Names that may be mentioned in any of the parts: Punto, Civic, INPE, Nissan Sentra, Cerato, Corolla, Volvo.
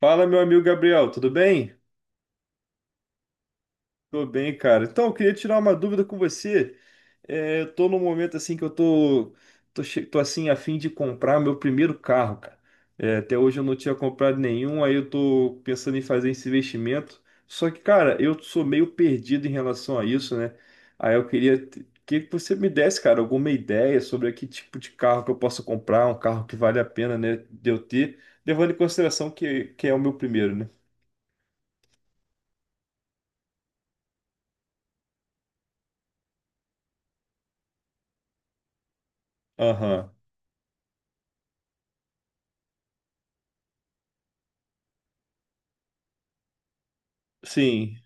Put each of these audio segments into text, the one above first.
Fala, meu amigo Gabriel, tudo bem? Tô bem, cara. Então, eu queria tirar uma dúvida com você. Eu tô num momento assim que eu tô, tô, che- tô assim a fim de comprar meu primeiro carro, cara. Até hoje eu não tinha comprado nenhum, aí eu tô pensando em fazer esse investimento. Só que, cara, eu sou meio perdido em relação a isso, né? Aí eu queria que você me desse, cara, alguma ideia sobre que tipo de carro que eu posso comprar, um carro que vale a pena, né, de eu ter, levando em consideração que é o meu primeiro, né? Aham. Sim,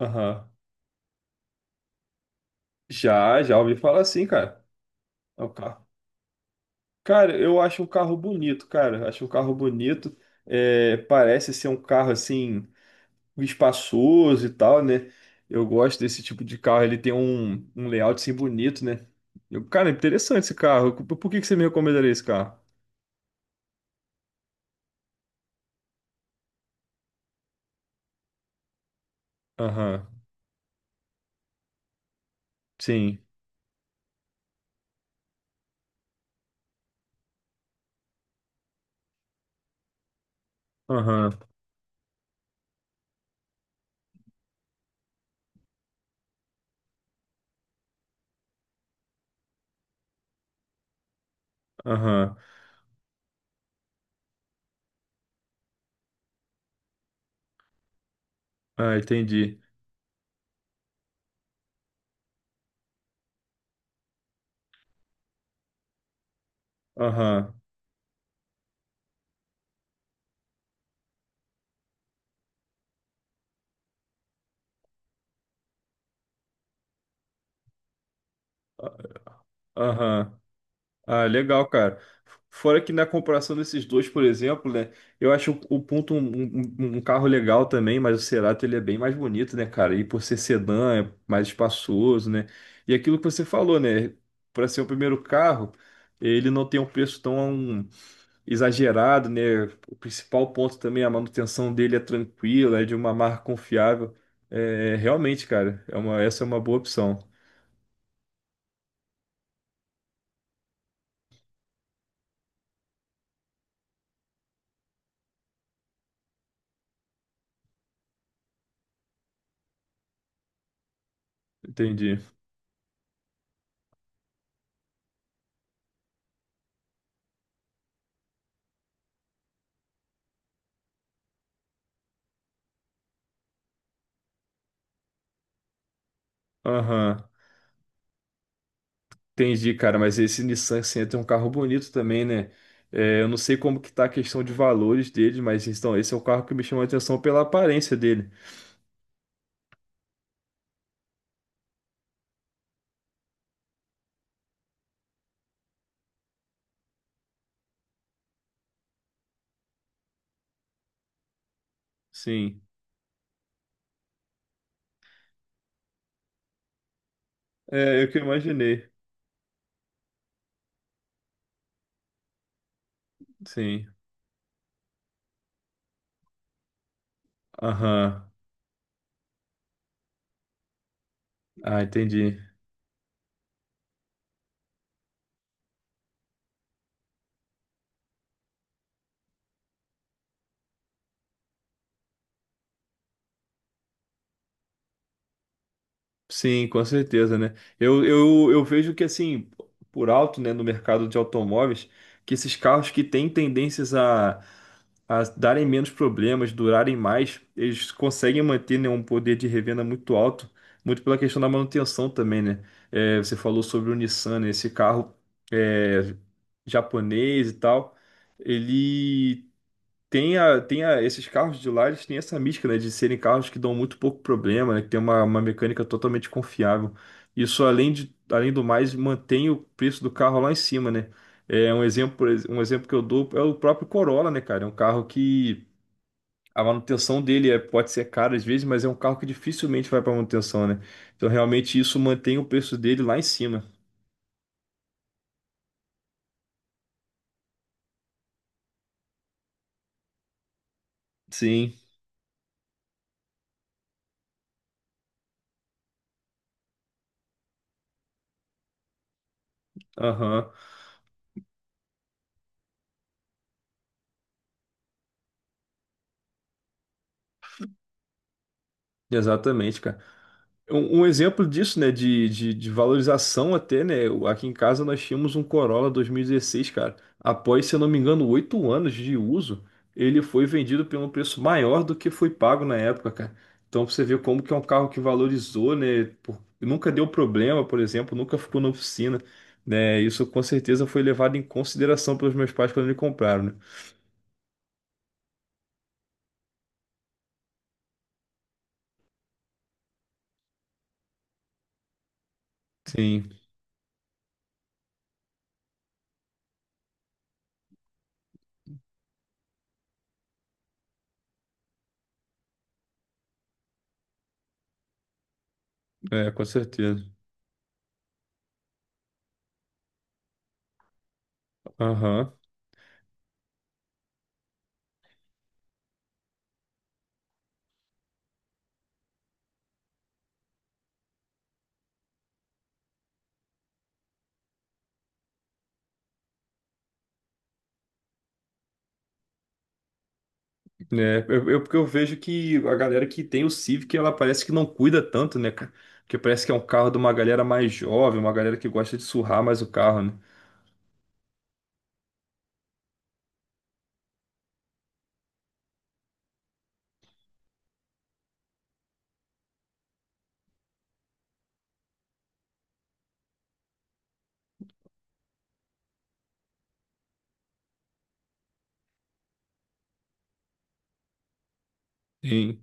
aham. Já ouvi falar assim, cara. É o carro. Cara, eu acho um carro bonito, cara. Acho um carro bonito. É, parece ser um carro assim, espaçoso e tal, né? Eu gosto desse tipo de carro. Ele tem um layout assim bonito, né? Cara, é interessante esse carro. Por que que você me recomendaria esse carro? Aham, sim. Aham, aham. Ah, entendi. Aham. Ah, aham. Ah, legal, cara. Fora que na comparação desses dois, por exemplo, né? Eu acho o Punto um carro legal também, mas o Cerato ele é bem mais bonito, né, cara? E por ser sedã, é mais espaçoso, né? E aquilo que você falou, né? Para ser o primeiro carro, ele não tem um preço tão exagerado, né? O principal ponto também, a manutenção dele é tranquila, é de uma marca confiável. É, realmente, cara, essa é uma boa opção. Entendi. Aham. Entendi, cara, mas esse Nissan Sentra é um carro bonito também, né? É, eu não sei como que tá a questão de valores dele, mas então esse é o carro que me chamou a atenção pela aparência dele. Sim. É, eu que imaginei. Sim. Aham. Ah, entendi. Sim, com certeza, né? Eu vejo que, assim, por alto, né, no mercado de automóveis, que esses carros que têm tendências a darem menos problemas, durarem mais, eles conseguem manter, né, um poder de revenda muito alto, muito pela questão da manutenção também, né? É, você falou sobre o Nissan, né? Esse carro é, japonês e tal, ele tem a, esses carros de lá, eles têm essa mística, né, de serem carros que dão muito pouco problema, né, que tem uma mecânica totalmente confiável. Isso, além de, além do mais, mantém o preço do carro lá em cima, né? É um exemplo que eu dou é o próprio Corolla, né, cara? É um carro que a manutenção dele é, pode ser cara às vezes, mas é um carro que dificilmente vai para manutenção, né? Então, realmente, isso mantém o preço dele lá em cima. Sim, aham. Exatamente, cara. Um exemplo disso, né, de valorização até, né, o- aqui em casa nós tínhamos um Corolla 2016 cara. Após, se eu não me engano, 8 anos de uso, ele foi vendido por um preço maior do que foi pago na época, cara. Então pra você vê como que é um carro que valorizou, né, por- nunca deu problema, por exemplo, nunca ficou na oficina, né, isso com certeza foi levado em consideração pelos meus pais quando me compraram, né. Sim, é, com certeza. Aham. Porque eu vejo que a galera que tem o Civic, ela parece que não cuida tanto, né, cara? Porque parece que é um carro de uma galera mais jovem, uma galera que gosta de surrar mais o carro, né? Sim.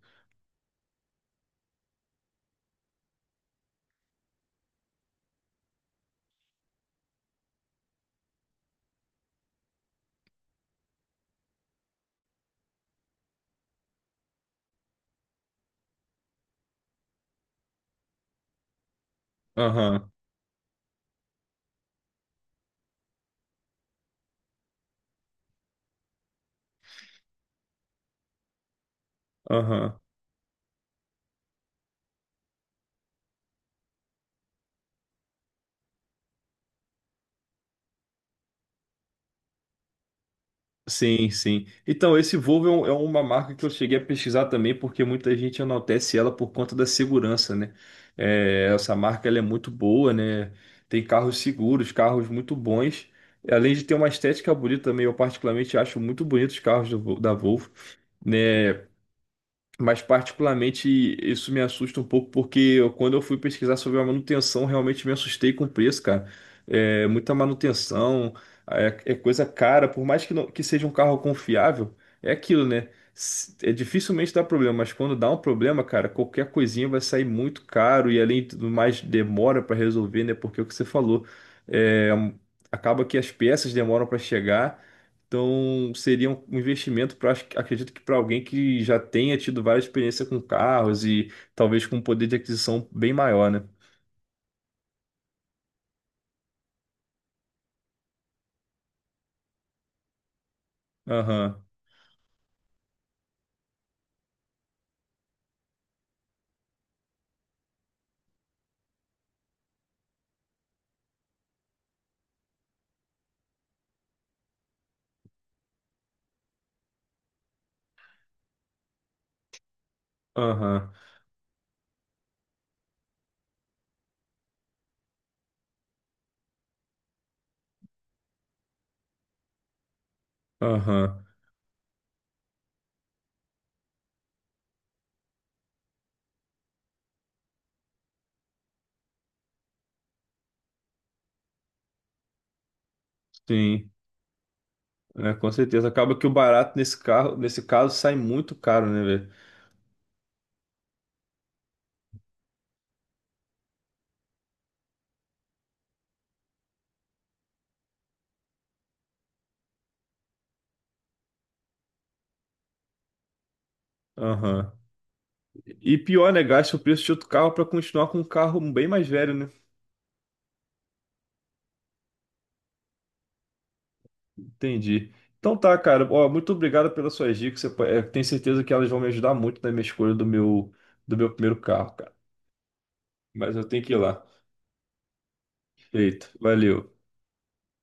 Aham, aham. Sim, sim. Então, esse Volvo é, um- é uma marca que eu cheguei a pesquisar também, porque muita gente enaltece ela por conta da segurança, né? É, essa marca, ela é muito boa, né? Tem carros seguros, carros muito bons. Além de ter uma estética bonita também, eu particularmente acho muito bonitos os carros do da Volvo, né? Mas particularmente isso me assusta um pouco quando eu fui pesquisar sobre a manutenção, realmente me assustei com o preço, cara. É muita manutenção, é, é coisa cara, por mais que, que seja um carro confiável, é aquilo, né? É dificilmente dá problema, mas quando dá um problema, cara, qualquer coisinha vai sair muito caro e além do mais demora para resolver, né? Porque é o que você falou, é, acaba que as peças demoram para chegar. Então, seria um investimento para, acredito que para alguém que já tenha tido várias experiências com carros e talvez com um poder de aquisição bem maior, né? Aham, aham, aham. Sim, é, com certeza. Acaba que o barato nesse carro, nesse caso, sai muito caro, né, velho? Aham. E pior, né? Gasta o preço de outro carro para continuar com um carro bem mais velho, né? Entendi. Então tá, cara. Ó, muito obrigado pelas suas dicas. Eu tenho certeza que elas vão me ajudar muito na minha escolha do meu primeiro carro, cara. Mas eu tenho que ir lá. Feito. Valeu.